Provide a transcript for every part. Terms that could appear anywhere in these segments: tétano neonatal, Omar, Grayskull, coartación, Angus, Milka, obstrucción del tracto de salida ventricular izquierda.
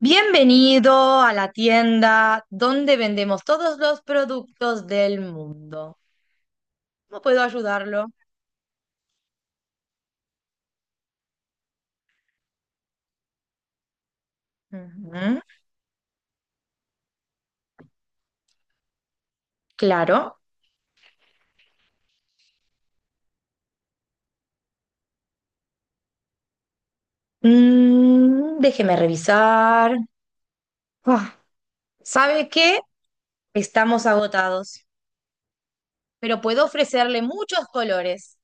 Bienvenido a la tienda donde vendemos todos los productos del mundo. ¿Cómo puedo ayudarlo? Ujú. Claro. Déjeme revisar. Ah, ¿sabe qué? Estamos agotados, pero puedo ofrecerle muchos colores.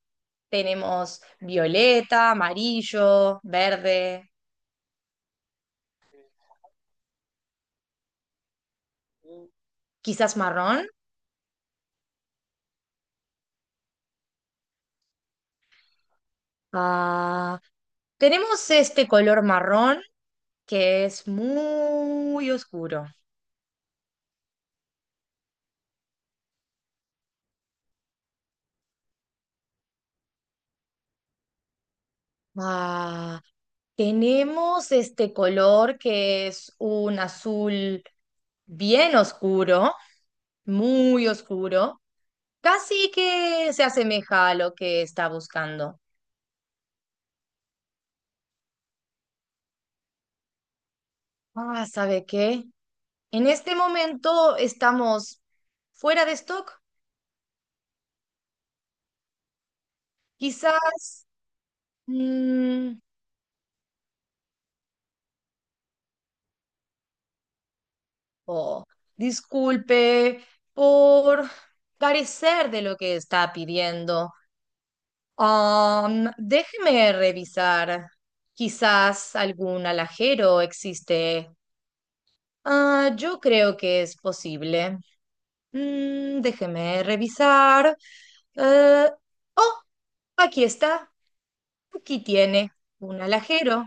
Tenemos violeta, amarillo, verde, quizás marrón. Ah, tenemos este color marrón que es muy oscuro. Ah, tenemos este color que es un azul bien oscuro, muy oscuro, casi que se asemeja a lo que está buscando. Ah, ¿sabe qué? En este momento estamos fuera de stock. Quizás mm, o disculpe por carecer de lo que está pidiendo. Déjeme revisar. Quizás algún alajero existe. Ah, yo creo que es posible. Déjeme revisar. Eh, oh, aquí está. Aquí tiene un alajero.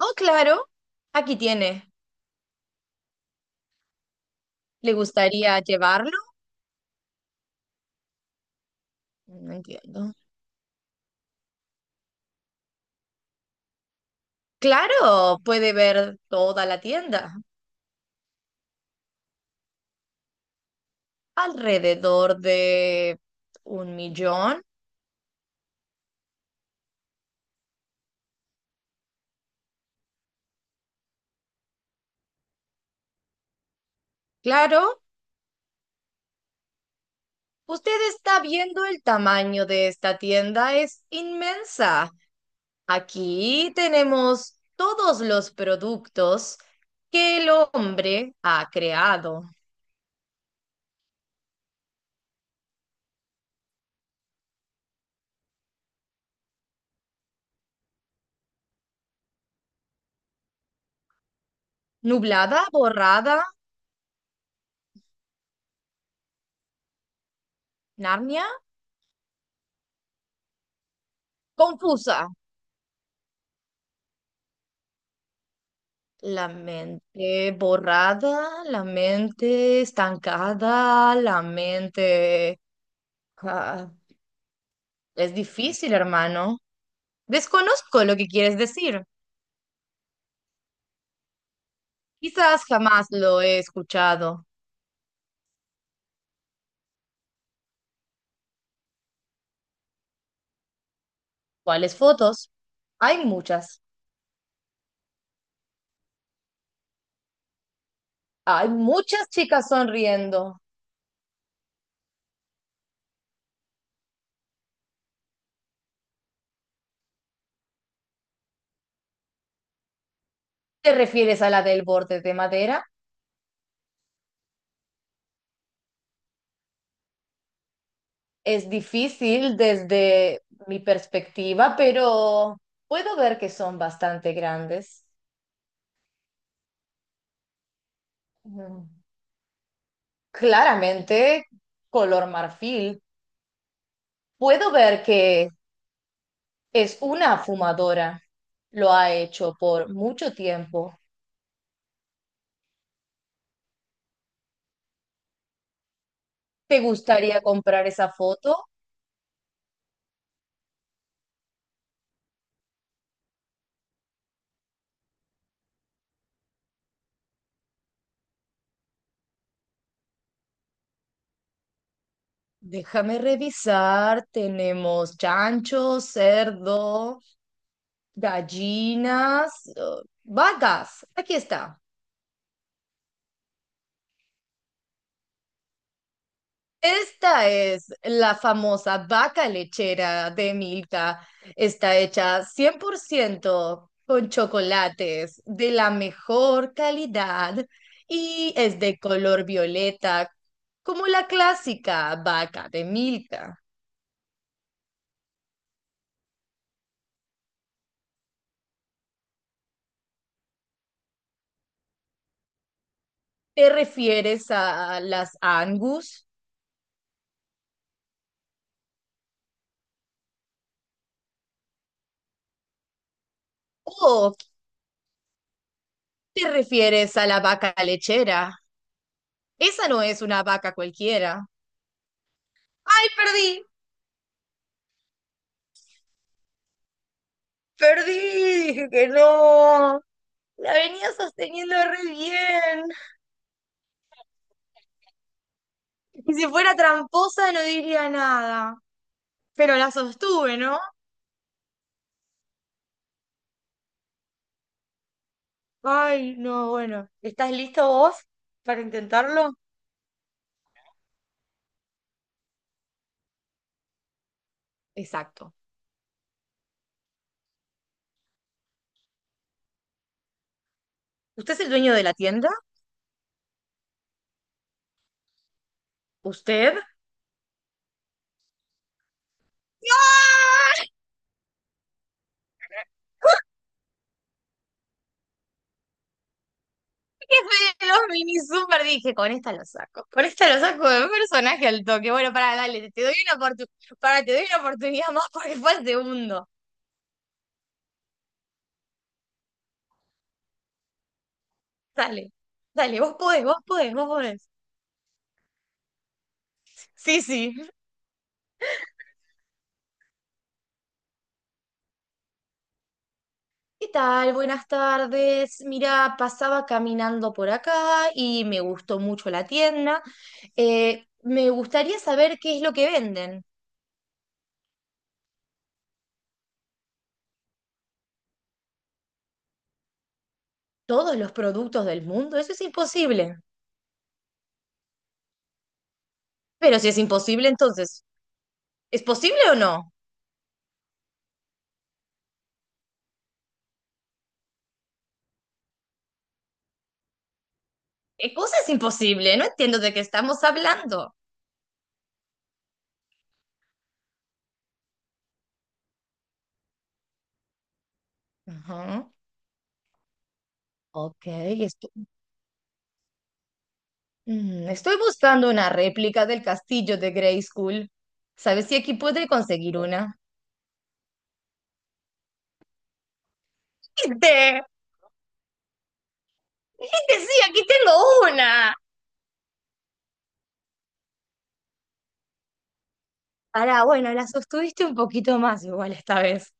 Oh, claro. Aquí tiene. ¿Le gustaría llevarlo? No entiendo. Claro, puede ver toda la tienda, alrededor de un millón. Claro, usted está viendo el tamaño de esta tienda, es inmensa. Aquí tenemos todos los productos que el hombre ha creado. Nublada, borrada. Narnia, confusa. La mente borrada, la mente estancada, la mente... Ah, es difícil, hermano. Desconozco lo que quieres decir. Quizás jamás lo he escuchado. ¿Cuáles fotos? Hay muchas. Hay muchas chicas sonriendo. ¿Te refieres a la del borde de madera? Es difícil desde mi perspectiva, pero puedo ver que son bastante grandes. Mm. Claramente, color marfil. Puedo ver que es una fumadora, lo ha hecho por mucho tiempo. ¿Te gustaría comprar esa foto? Déjame revisar, tenemos chancho, cerdo, gallinas, vacas. Aquí está. Esta es la famosa vaca lechera de Milka. Está hecha 100% con chocolates de la mejor calidad y es de color violeta, como la clásica vaca de Milka. ¿Te refieres a las Angus o te refieres a la vaca lechera? Esa no es una vaca cualquiera. ¡Ay, perdí! Perdí, dije que no. La venía sosteniendo re bien. Y si fuera tramposa no diría nada. Pero la sostuve, ¿no? Ay, no, bueno. ¿Estás listo vos para intentarlo? Exacto. ¿Usted es el dueño de la tienda? ¿Usted? ¡Ah! Jefe de los mini super, dije, con esta lo saco. Con esta lo saco de un personaje al toque. Bueno, para, dale, te doy una para, te doy una oportunidad más porque fue el segundo. Dale, dale, vos podés, vos podés, vos podés. Sí, sí. ¿Qué tal? Buenas tardes. Mira, pasaba caminando por acá y me gustó mucho la tienda. Me gustaría saber qué es lo que venden. ¿Todos los productos del mundo? Eso es imposible. Pero si es imposible, entonces, ¿es posible o no? ¿Qué cosa es imposible? No entiendo de qué estamos hablando. Ajá. Ok, esto. Estoy buscando una réplica del castillo de Grayskull. ¿Sabes si aquí podré conseguir una? ¡Viste! ¡Viste! Sí, aquí tengo una. Ahora, bueno, la sostuviste un poquito más igual esta vez.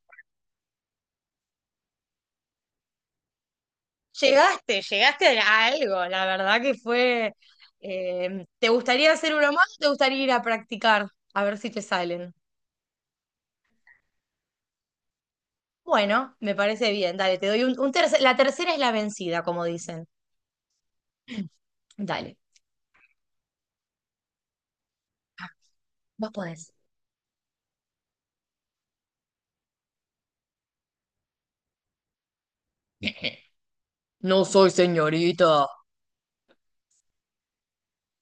Llegaste, llegaste a algo. La verdad que fue. ¿Te gustaría hacer uno más o te gustaría ir a practicar? A ver si te salen. Bueno, me parece bien. Dale, te doy un tercer. La tercera es la vencida, como dicen. Dale, ah, vos podés. No soy señorita.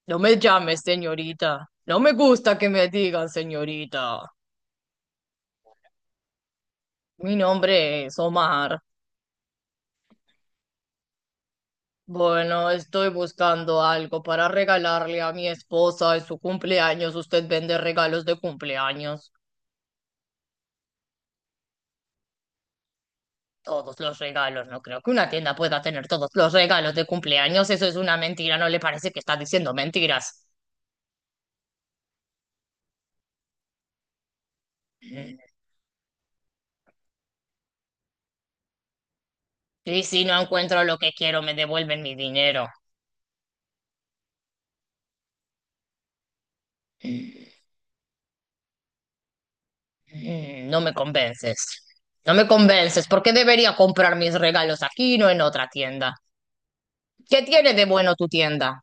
No me llame señorita. No me gusta que me digan señorita. Mi nombre es Omar. Bueno, estoy buscando algo para regalarle a mi esposa en su cumpleaños. Usted vende regalos de cumpleaños. Todos los regalos. No creo que una tienda pueda tener todos los regalos de cumpleaños. Eso es una mentira. ¿No le parece que está diciendo mentiras? Mm. Y si no encuentro lo que quiero, me devuelven mi dinero. Mm. No me convences. No me convences. ¿Por qué debería comprar mis regalos aquí y no en otra tienda? ¿Qué tiene de bueno tu tienda?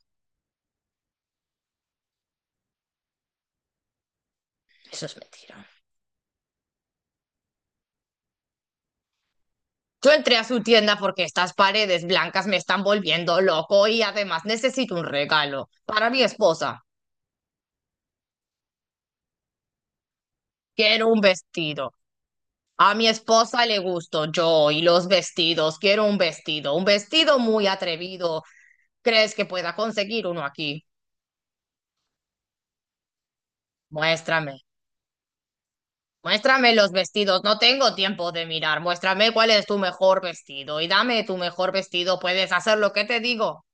Eso es mentira. Yo entré a su tienda porque estas paredes blancas me están volviendo loco y además necesito un regalo para mi esposa. Quiero un vestido. A mi esposa le gusto yo y los vestidos. Quiero un vestido. Un vestido muy atrevido. ¿Crees que pueda conseguir uno aquí? Muéstrame. Muéstrame los vestidos, no tengo tiempo de mirar. Muéstrame cuál es tu mejor vestido y dame tu mejor vestido. Puedes hacer lo que te digo.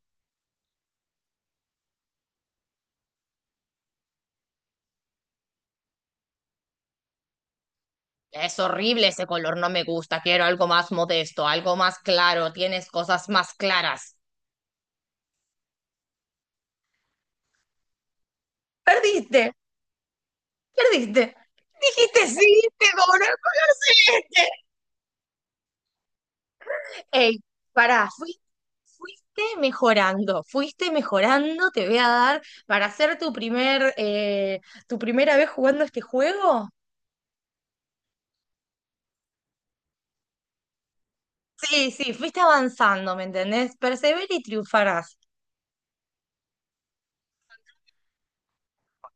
Es horrible ese color, no me gusta. Quiero algo más modesto, algo más claro. Tienes cosas más claras. Perdiste, perdiste. Dijiste sí, te dono el color celeste. Ey, pará, fuiste mejorando, fuiste mejorando. Te voy a dar para hacer tu primer, tu primera vez jugando este juego. Sí, sí, fuiste avanzando, ¿me entendés? Perseverar y triunfarás.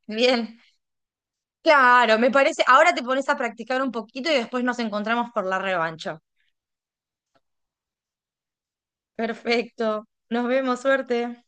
Bien. Claro, me parece. Ahora te pones a practicar un poquito y después nos encontramos por la revancha. Perfecto. Nos vemos, suerte.